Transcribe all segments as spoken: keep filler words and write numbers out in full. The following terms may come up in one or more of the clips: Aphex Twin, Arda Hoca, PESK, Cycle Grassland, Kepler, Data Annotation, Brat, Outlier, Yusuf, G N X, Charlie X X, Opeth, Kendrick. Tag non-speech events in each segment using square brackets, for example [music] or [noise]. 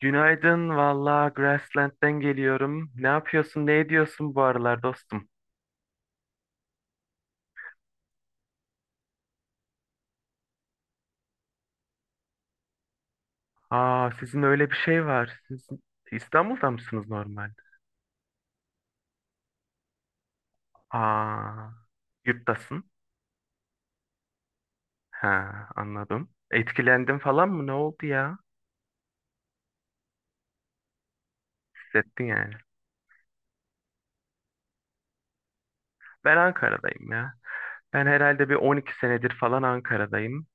Günaydın, valla Grassland'den geliyorum. Ne yapıyorsun, ne ediyorsun bu aralar dostum? Aa, sizin öyle bir şey var. Siz İstanbul'da mısınız normalde? Aa, yurttasın. Ha, anladım. Etkilendin falan mı? Ne oldu ya? Hissettin yani. Ben Ankara'dayım ya. Ben herhalde bir on iki senedir falan Ankara'dayım.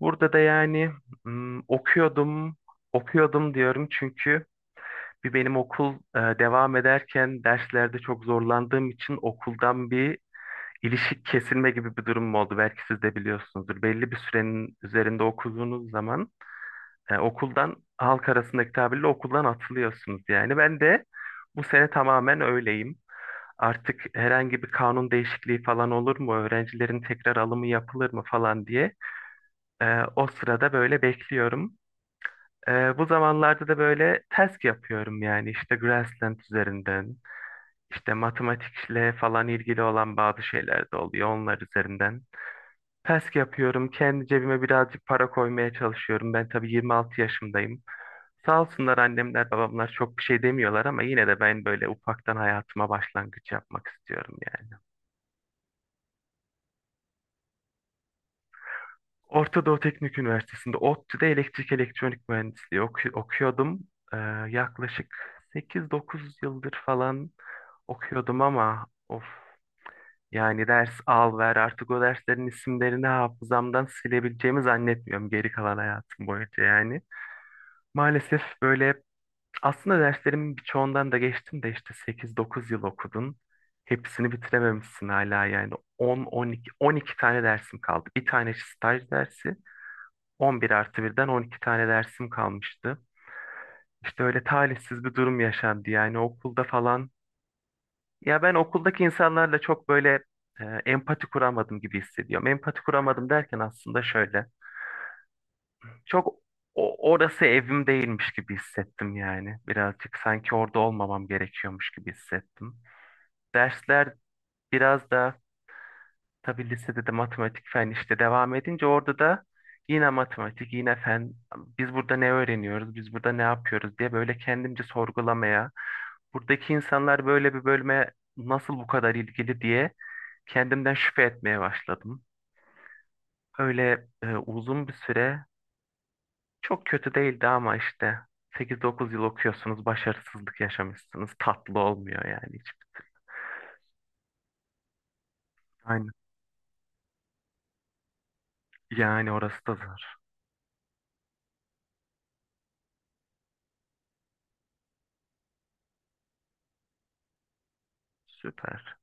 Burada da yani hmm, okuyordum, okuyordum diyorum çünkü bir benim okul e, devam ederken derslerde çok zorlandığım için okuldan bir ilişik kesilme gibi bir durum oldu. Belki siz de biliyorsunuzdur. Belli bir sürenin üzerinde okuduğunuz zaman e, okuldan halk arasındaki tabirle okuldan atılıyorsunuz yani. Ben de bu sene tamamen öyleyim. Artık herhangi bir kanun değişikliği falan olur mu? Öğrencilerin tekrar alımı yapılır mı falan diye e, o sırada böyle bekliyorum. E, bu zamanlarda da böyle task yapıyorum yani işte Grassland üzerinden. İşte matematikle falan ilgili olan bazı şeyler de oluyor onlar üzerinden. P E S K yapıyorum. Kendi cebime birazcık para koymaya çalışıyorum. Ben tabii yirmi altı yaşındayım. Sağ olsunlar annemler babamlar çok bir şey demiyorlar ama yine de ben böyle ufaktan hayatıma başlangıç yapmak istiyorum yani. Orta Doğu Teknik Üniversitesi'nde ODTÜ'de elektrik elektronik mühendisliği oku- okuyordum. Ee, Yaklaşık sekiz dokuz yıldır falan okuyordum ama of. Yani ders al ver artık o derslerin isimlerini hafızamdan silebileceğimi zannetmiyorum geri kalan hayatım boyunca yani. Maalesef böyle aslında derslerimin birçoğundan da geçtim de işte sekiz dokuz yıl okudun. Hepsini bitirememişsin hala yani on on iki on iki tane dersim kaldı. Bir tane staj dersi, on bir artı birden on iki tane dersim kalmıştı. İşte öyle talihsiz bir durum yaşandı yani okulda falan. Ya ben okuldaki insanlarla çok böyle e, empati kuramadım gibi hissediyorum. Empati kuramadım derken aslında şöyle. Çok o- orası evim değilmiş gibi hissettim yani. Birazcık sanki orada olmamam gerekiyormuş gibi hissettim. Dersler biraz da tabii lisede de matematik fen işte devam edince orada da yine matematik yine fen, biz burada ne öğreniyoruz biz burada ne yapıyoruz diye böyle kendimce sorgulamaya, buradaki insanlar böyle bir bölüme nasıl bu kadar ilgili diye kendimden şüphe etmeye başladım. Öyle e, uzun bir süre çok kötü değildi ama işte sekiz dokuz yıl okuyorsunuz, başarısızlık yaşamışsınız. Tatlı olmuyor yani hiç. Aynen. Yani orası da zor. Süper.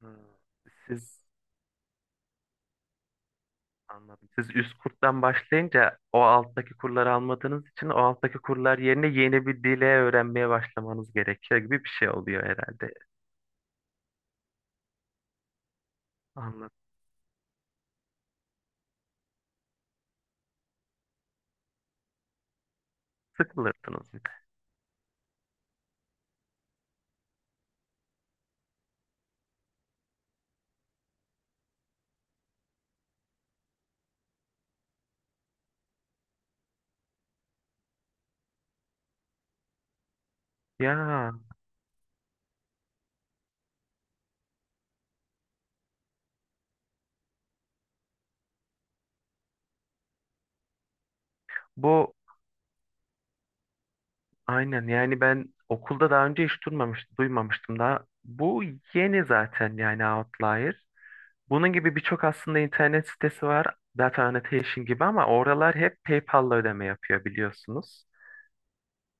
Hmm. Siz, anladım. Siz üst kurttan başlayınca o alttaki kurları almadığınız için o alttaki kurlar yerine yeni bir dile öğrenmeye başlamanız gerekiyor gibi bir şey oluyor herhalde. Anladım. Sıkılırsınız bir de. Ya bu, aynen yani ben okulda daha önce hiç durmamış, duymamıştım daha. Bu yeni zaten yani, Outlier. Bunun gibi birçok aslında internet sitesi var. Data Annotation gibi, ama oralar hep PayPal'la ödeme yapıyor biliyorsunuz.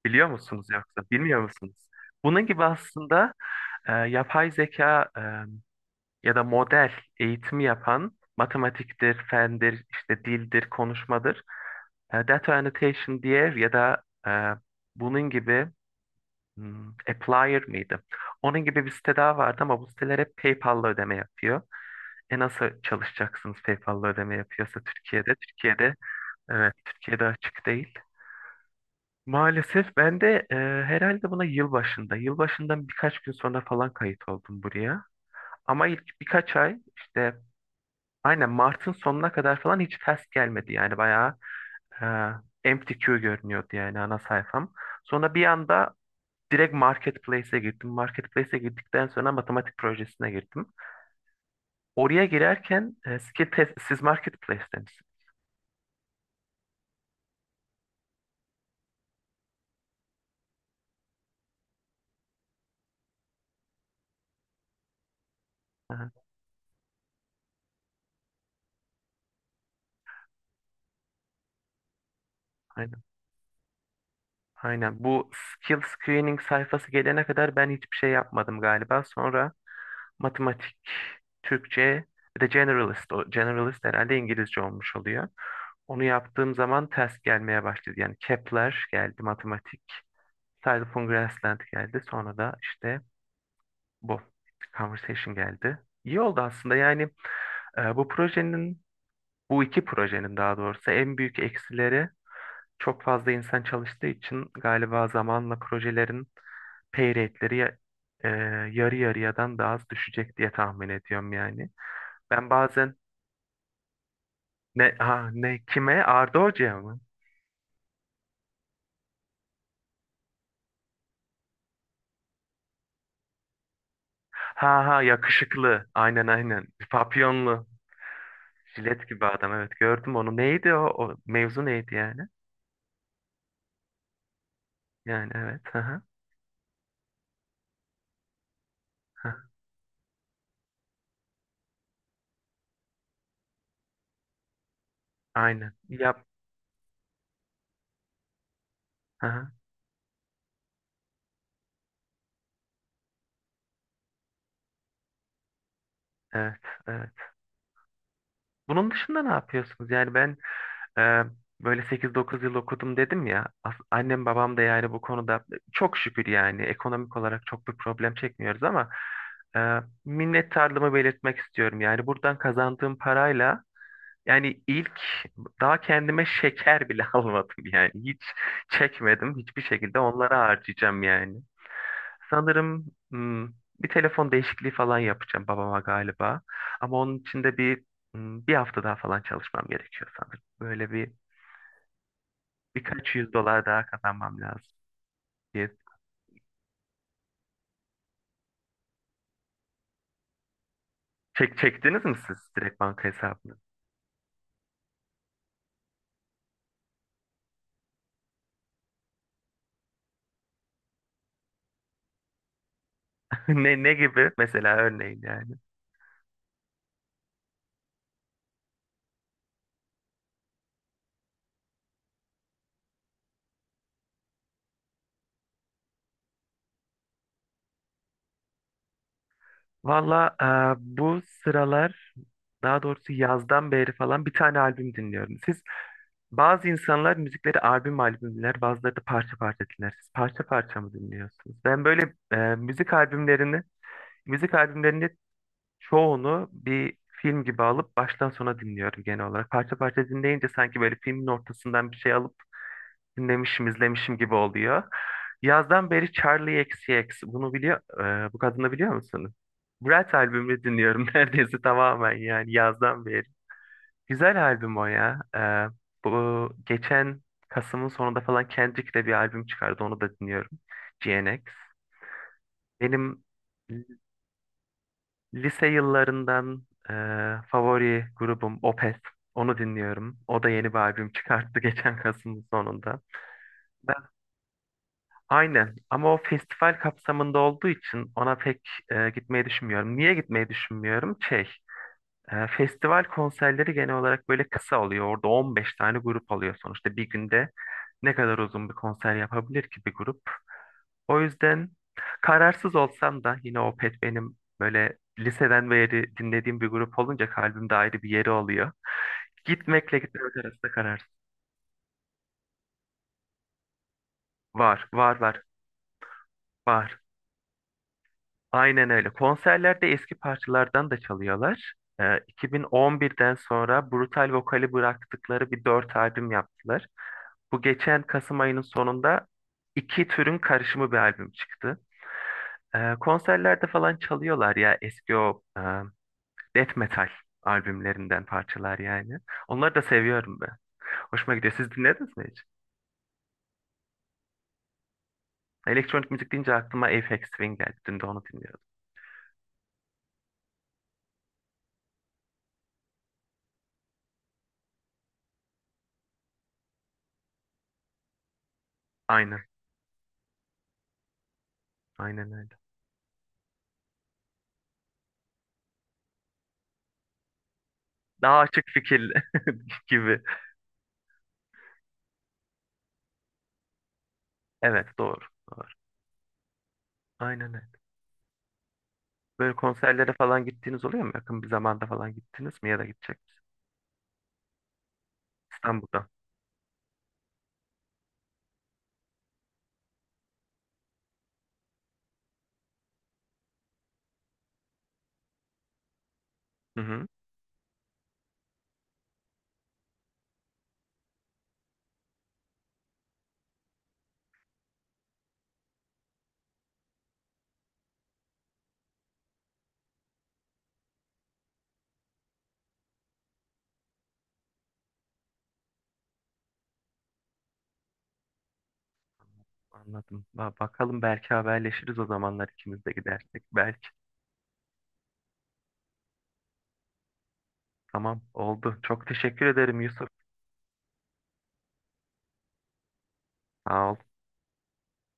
Biliyor musunuz yoksa bilmiyor musunuz? Bunun gibi aslında e, yapay zeka, e, ya da model eğitimi yapan, matematiktir, fendir, işte dildir, konuşmadır. E, Data Annotation diye ya da e, bunun gibi, Hmm, Applier mıydı? Onun gibi bir site daha vardı ama bu siteler hep PayPal'la ödeme yapıyor. E nasıl çalışacaksınız PayPal'la ödeme yapıyorsa Türkiye'de? Türkiye'de, evet Türkiye'de açık değil. Maalesef ben de e, herhalde buna yılbaşında, yılbaşından birkaç gün sonra falan kayıt oldum buraya. Ama ilk birkaç ay işte aynen Mart'ın sonuna kadar falan hiç test gelmedi. Yani bayağı e, empty queue görünüyordu yani ana sayfam. Sonra bir anda direkt marketplace'e girdim. Marketplace'e girdikten sonra matematik projesine girdim. Oraya girerken e, skill test, siz marketplace'teniz. Aha. Aynen. Aynen. Bu skill screening sayfası gelene kadar ben hiçbir şey yapmadım galiba. Sonra matematik, Türkçe, bir de generalist. O generalist herhalde İngilizce olmuş oluyor. Onu yaptığım zaman test gelmeye başladı. Yani Kepler geldi, matematik. Cycle Grassland geldi. Sonra da işte bu conversation geldi. İyi oldu aslında yani. Ee, bu projenin, bu iki projenin daha doğrusu, en büyük eksileri, çok fazla insan çalıştığı için galiba zamanla projelerin pay rate'leri ya- e, yarı yarıyadan daha az düşecek diye tahmin ediyorum yani. Ben bazen ne ha ne kime, Arda Hoca'ya mı? Ha ha, yakışıklı. Aynen, aynen. Papyonlu. Jilet gibi adam, evet gördüm onu. Neydi o? O mevzu neydi yani? Yani evet. Hı hı. Hı. Aynen. Yap. Hı hı. Evet. Evet. Bunun dışında ne yapıyorsunuz? Yani ben, Ee, böyle sekiz dokuz yıl okudum dedim ya. As- Annem babam da yani bu konuda çok şükür yani ekonomik olarak çok bir problem çekmiyoruz ama e, minnettarlığımı belirtmek istiyorum. Yani buradan kazandığım parayla yani ilk, daha kendime şeker bile [laughs] almadım yani. Hiç çekmedim. Hiçbir şekilde onlara harcayacağım yani. Sanırım hmm, bir telefon değişikliği falan yapacağım babama galiba. Ama onun için de bir hmm, bir hafta daha falan çalışmam gerekiyor sanırım. Böyle bir, birkaç yüz dolar daha kazanmam lazım diye. Çek, çektiniz mi siz direkt banka hesabını? [laughs] Ne, ne gibi? Mesela örneğin yani. Valla e, bu sıralar, daha doğrusu yazdan beri falan bir tane albüm dinliyorum. Siz, bazı insanlar müzikleri albüm albüm dinler, bazıları da parça parça dinler. Siz parça parça mı dinliyorsunuz? Ben böyle e, müzik albümlerini, müzik albümlerini çoğunu bir film gibi alıp baştan sona dinliyorum genel olarak. Parça parça dinleyince sanki böyle filmin ortasından bir şey alıp dinlemişim, izlemişim gibi oluyor. Yazdan beri Charlie X X, bunu biliyor, e, bu kadını biliyor musunuz? Brat albümünü dinliyorum [laughs] neredeyse tamamen yani yazdan beri. Güzel albüm o ya. E, bu geçen Kasım'ın sonunda falan Kendrick de bir albüm çıkardı. Onu da dinliyorum. G N X, benim l- lise yıllarından e, favori grubum Opeth. Onu dinliyorum. O da yeni bir albüm çıkarttı [laughs] geçen Kasım'ın sonunda. Aynen ama o festival kapsamında olduğu için ona pek e, gitmeyi düşünmüyorum. Niye gitmeyi düşünmüyorum? Şey, e, festival konserleri genel olarak böyle kısa oluyor. Orada on beş tane grup oluyor sonuçta. Bir günde ne kadar uzun bir konser yapabilir ki bir grup? O yüzden kararsız olsam da yine Opet benim böyle liseden beri dinlediğim bir grup olunca kalbimde ayrı bir yeri oluyor. Gitmekle gitmemek arasında kararsız. Var, var, var, var. Aynen öyle. Konserlerde eski parçalardan da çalıyorlar. Ee, iki bin on birden sonra Brutal Vokal'i bıraktıkları bir dört albüm yaptılar. Bu geçen Kasım ayının sonunda iki türün karışımı bir albüm çıktı. Ee, konserlerde falan çalıyorlar ya eski o e, death metal albümlerinden parçalar yani. Onları da seviyorum ben. Hoşuma gidiyor. Siz dinlediniz mi hiç? Elektronik müzik deyince aklıma Aphex Twin geldi. Dün de onu dinliyordum. Aynen. Aynen öyle. Daha açık fikirli [laughs] gibi. Evet doğru. Aynen öyle. Böyle konserlere falan gittiğiniz oluyor mu? Yakın bir zamanda falan gittiniz mi ya da gidecek misiniz? İstanbul'da. Hı hı. Anladım. Ba- bakalım belki haberleşiriz o zamanlar ikimiz de gidersek. Belki. Tamam oldu. Çok teşekkür ederim Yusuf. Sağ ol.